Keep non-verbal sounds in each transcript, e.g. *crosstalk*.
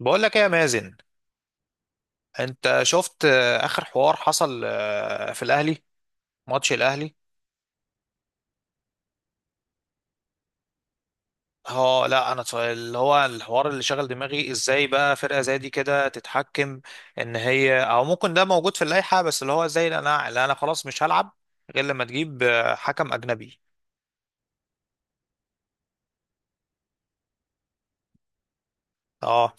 بقول لك ايه يا مازن. انت شفت اخر حوار حصل في الاهلي؟ ماتش الاهلي. اه، لا انا اللي هو الحوار اللي شغل دماغي، ازاي بقى فرقه زي دي كده تتحكم ان هي، او ممكن ده موجود في اللائحه، بس اللي هو زي اللي انا خلاص مش هلعب غير لما تجيب حكم اجنبي. اه،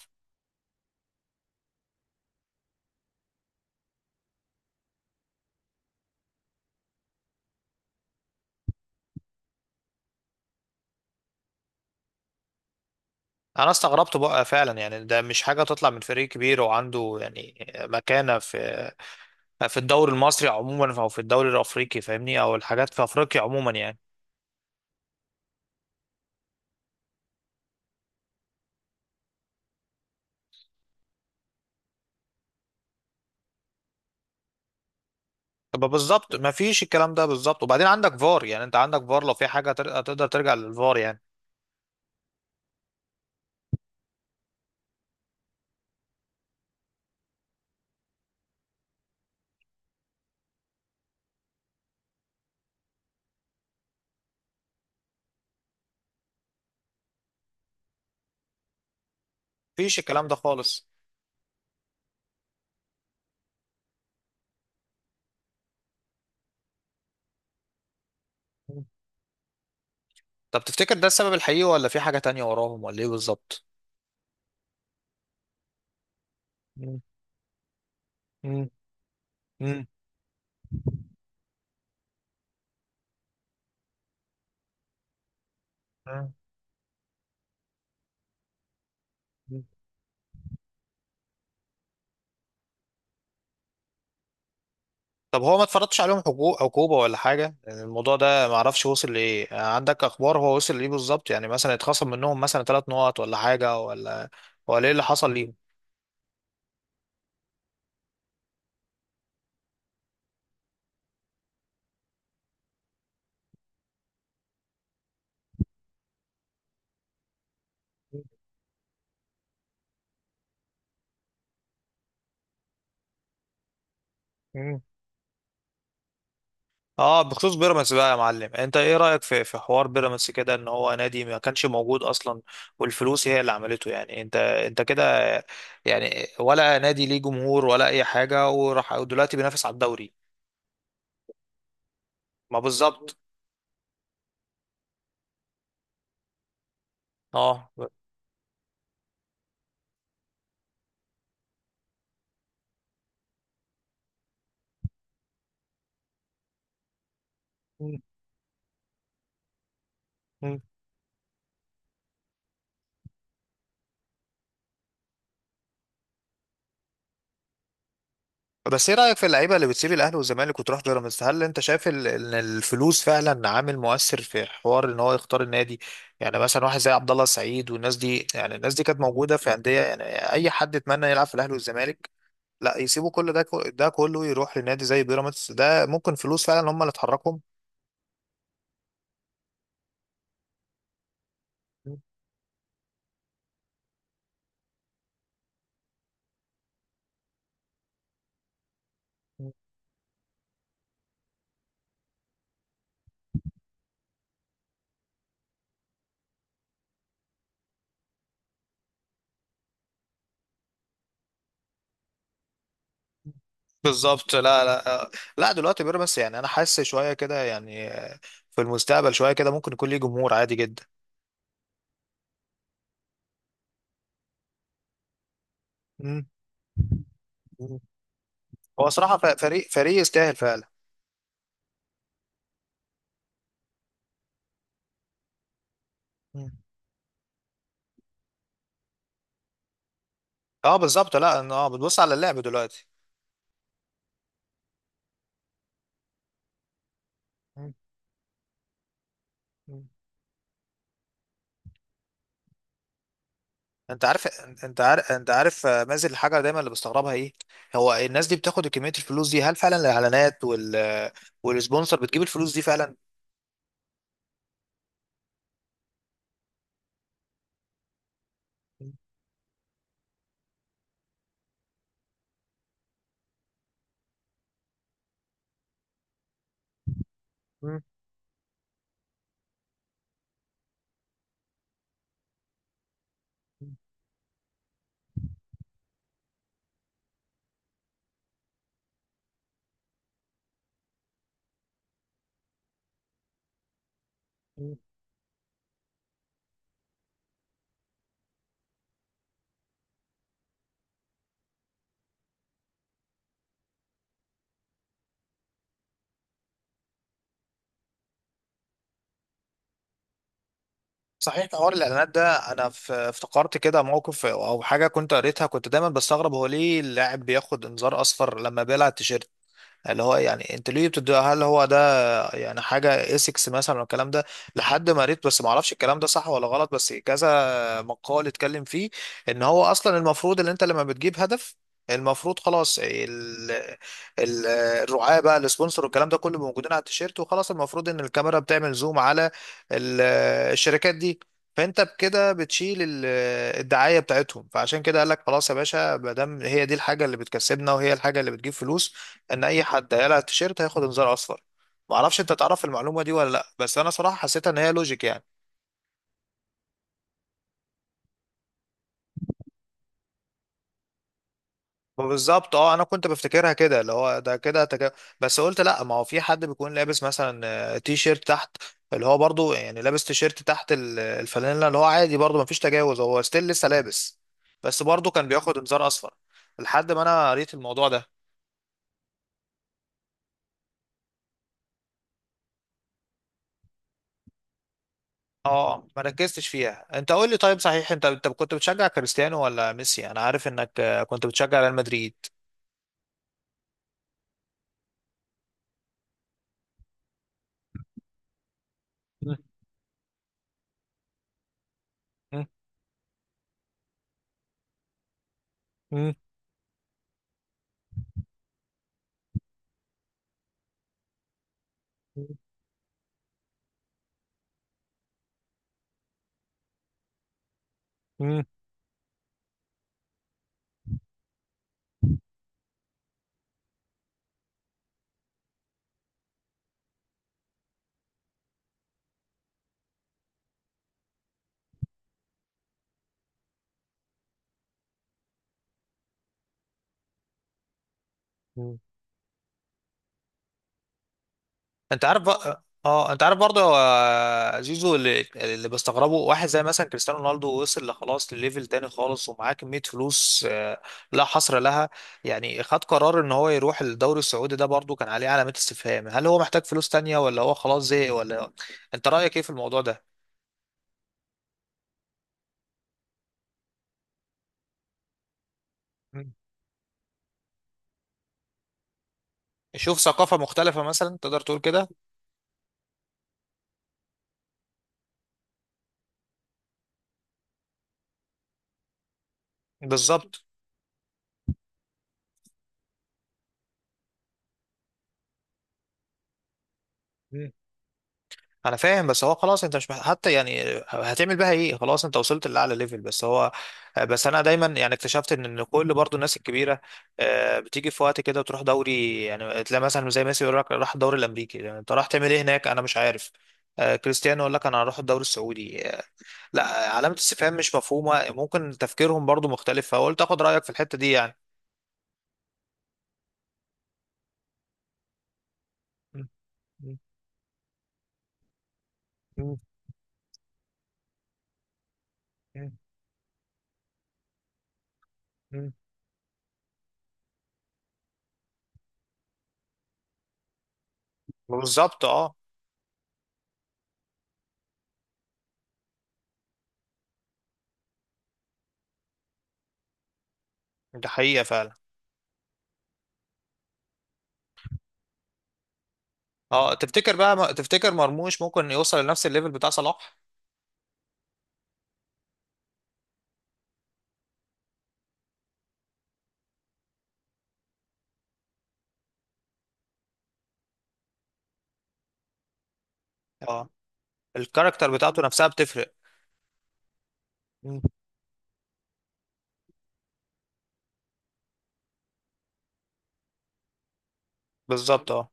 انا استغربت بقى فعلا، يعني ده مش حاجه تطلع من فريق كبير وعنده يعني مكانه في الدوري المصري عموما، او في الدوري الافريقي فاهمني، او الحاجات في افريقيا عموما يعني. طب، بالظبط ما فيش الكلام ده، بالظبط. وبعدين عندك فار، يعني انت عندك فار، لو في حاجه تقدر ترجع للفار يعني. ما فيش الكلام ده خالص. مم. طب، تفتكر ده السبب الحقيقي، ولا في حاجه تانية وراهم، ولا ايه بالظبط؟ مم. مم. مم. مم. مم. طب، هو ما اتفرضش عليهم عقوبه ولا حاجه، يعني الموضوع ده ما اعرفش وصل لايه، عندك اخبار؟ هو وصل لايه بالظبط؟ يعني مثلا اتخصم منهم مثلا ثلاث نقط، ولا حاجه، ولا ايه اللي حصل ليهم؟ اه، بخصوص بيراميدز بقى يا معلم، انت ايه رأيك في حوار بيراميدز كده، ان هو نادي ما كانش موجود اصلا، والفلوس هي اللي عملته، يعني انت كده، يعني ولا نادي ليه جمهور، ولا اي حاجة، وراح ودلوقتي بينافس على الدوري؟ ما بالظبط. اه. *laughs* م- م. بس ايه رأيك في اللعيبة اللي بتسيب الاهلي والزمالك وتروح بيراميدز؟ هل انت شايف ان الفلوس فعلا عامل مؤثر في حوار ان هو يختار النادي؟ يعني مثلا واحد زي عبد الله السعيد والناس دي، يعني الناس دي كانت موجودة في أندية، يعني اي حد اتمنى يلعب في الاهلي والزمالك. لا يسيبوا كل ده، ده كله يروح لنادي زي بيراميدز، ده ممكن فلوس فعلا هم اللي تحركهم. بالظبط، لا لا، لا دلوقتي بيراميدز، يعني انا حاسس شويه كده، يعني في المستقبل شويه كده ممكن يكون ليه جمهور عادي جدا. مم. مم. هو صراحه فريق يستاهل فعلا. مم. اه، بالظبط. لا اه، بتبص على اللعب دلوقتي. مم. مم. انت عارف انت عارف مازن، الحاجه دايما اللي بستغربها ايه؟ هو الناس دي بتاخد كميه الفلوس دي؟ هل فعلا الاعلانات والسبونسر بتجيب الفلوس دي فعلا؟ مم. مم. صحيح، حوار الاعلانات ده انا افتكرت كده موقف او حاجه كنت قريتها، كنت دايما بستغرب هو ليه اللاعب بياخد انذار اصفر لما بيلعب تيشيرت، اللي هو يعني انت ليه بتدي، هل هو ده يعني حاجه اسكس مثلا والكلام ده. لحد ما قريت، بس ما اعرفش الكلام ده صح ولا غلط، بس كذا مقال اتكلم فيه ان هو اصلا المفروض، ان انت لما بتجيب هدف المفروض خلاص ال ال الرعاة بقى، السبونسر والكلام ده كله موجودين على التيشيرت، وخلاص المفروض ان الكاميرا بتعمل زوم على ال- الشركات دي. فانت بكده بتشيل الدعايه بتاعتهم، فعشان كده قال لك خلاص يا باشا، ما دام هي دي الحاجه اللي بتكسبنا وهي الحاجه اللي بتجيب فلوس، ان اي حد هيقلع التيشيرت هياخد انذار اصفر. ما اعرفش انت تعرف المعلومه دي ولا لا، بس انا صراحه حسيتها ان هي لوجيك يعني. بالظبط، اه. انا كنت بفتكرها كده، اللي هو ده كده بس قلت لا، ما هو في حد بيكون لابس مثلا تي شيرت تحت، اللي هو برضو يعني لابس تي شيرت تحت الفانيلا، اللي هو عادي، برضو ما فيش تجاوز، هو ستيل لسه لابس، بس برضو كان بياخد انذار اصفر، لحد ما انا قريت الموضوع ده. اه، ما ركزتش فيها. انت قول لي طيب، صحيح، انت كنت بتشجع كريستيانو ولا ميسي؟ انا عارف انك كنت بتشجع ريال مدريد. *laughs* مم. مم. مم. مم. انت عارف بقى، اه، انت عارف برضه، زيزو اللي بستغربه، واحد زي مثلا كريستيانو رونالدو، وصل لخلاص لليفل تاني خالص، ومعاه كمية فلوس لا حصر لها، يعني خد قرار ان هو يروح الدوري السعودي، ده برضه كان عليه علامات استفهام، هل هو محتاج فلوس تانية، ولا هو خلاص زهق، ولا *laughs* انت رأيك ايه في الموضوع ده؟ مم. شوف ثقافة مختلفة مثلا، تقدر تقول كده. بالظبط، انا فاهم، بس هو خلاص، انت مش حتى يعني هتعمل بها ايه، خلاص انت وصلت لاعلى ليفل، بس هو، بس انا دايما يعني اكتشفت ان كل برضو الناس الكبيره بتيجي في وقت كده وتروح دوري، يعني تلاقي مثلا زي ميسي يقول لك راح الدوري الامريكي، يعني انت راح تعمل ايه هناك؟ انا مش عارف. كريستيانو يقول لك انا هروح الدوري السعودي لا، علامه استفهام مش مفهومه، ممكن تفكيرهم برضو مختلف، فقلت اخد رايك في الحته دي يعني. مم. مم. مم. مم. بالظبط، اه. ده حقيقه فعلا. اه، تفتكر مرموش ممكن يوصل لنفس الليفل بتاع صلاح؟ اه، الكاركتر بتاعته نفسها بتفرق. مم. بالظبط، اه.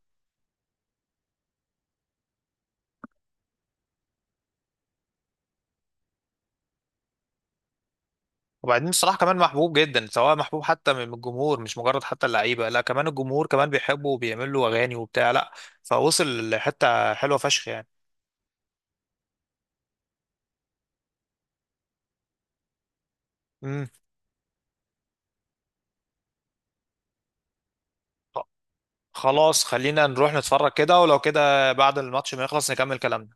وبعدين صلاح كمان محبوب جدا، سواء محبوب حتى من الجمهور، مش مجرد حتى اللعيبه، لا كمان الجمهور كمان بيحبه وبيعمل له اغاني وبتاع، لا. فوصل لحته حلوه فشخ يعني. مم. خ- خلاص، خلينا نروح نتفرج كده، ولو كده بعد الماتش ما يخلص نكمل كلامنا.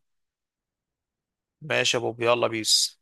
ماشي يا بوب، يلا بيس.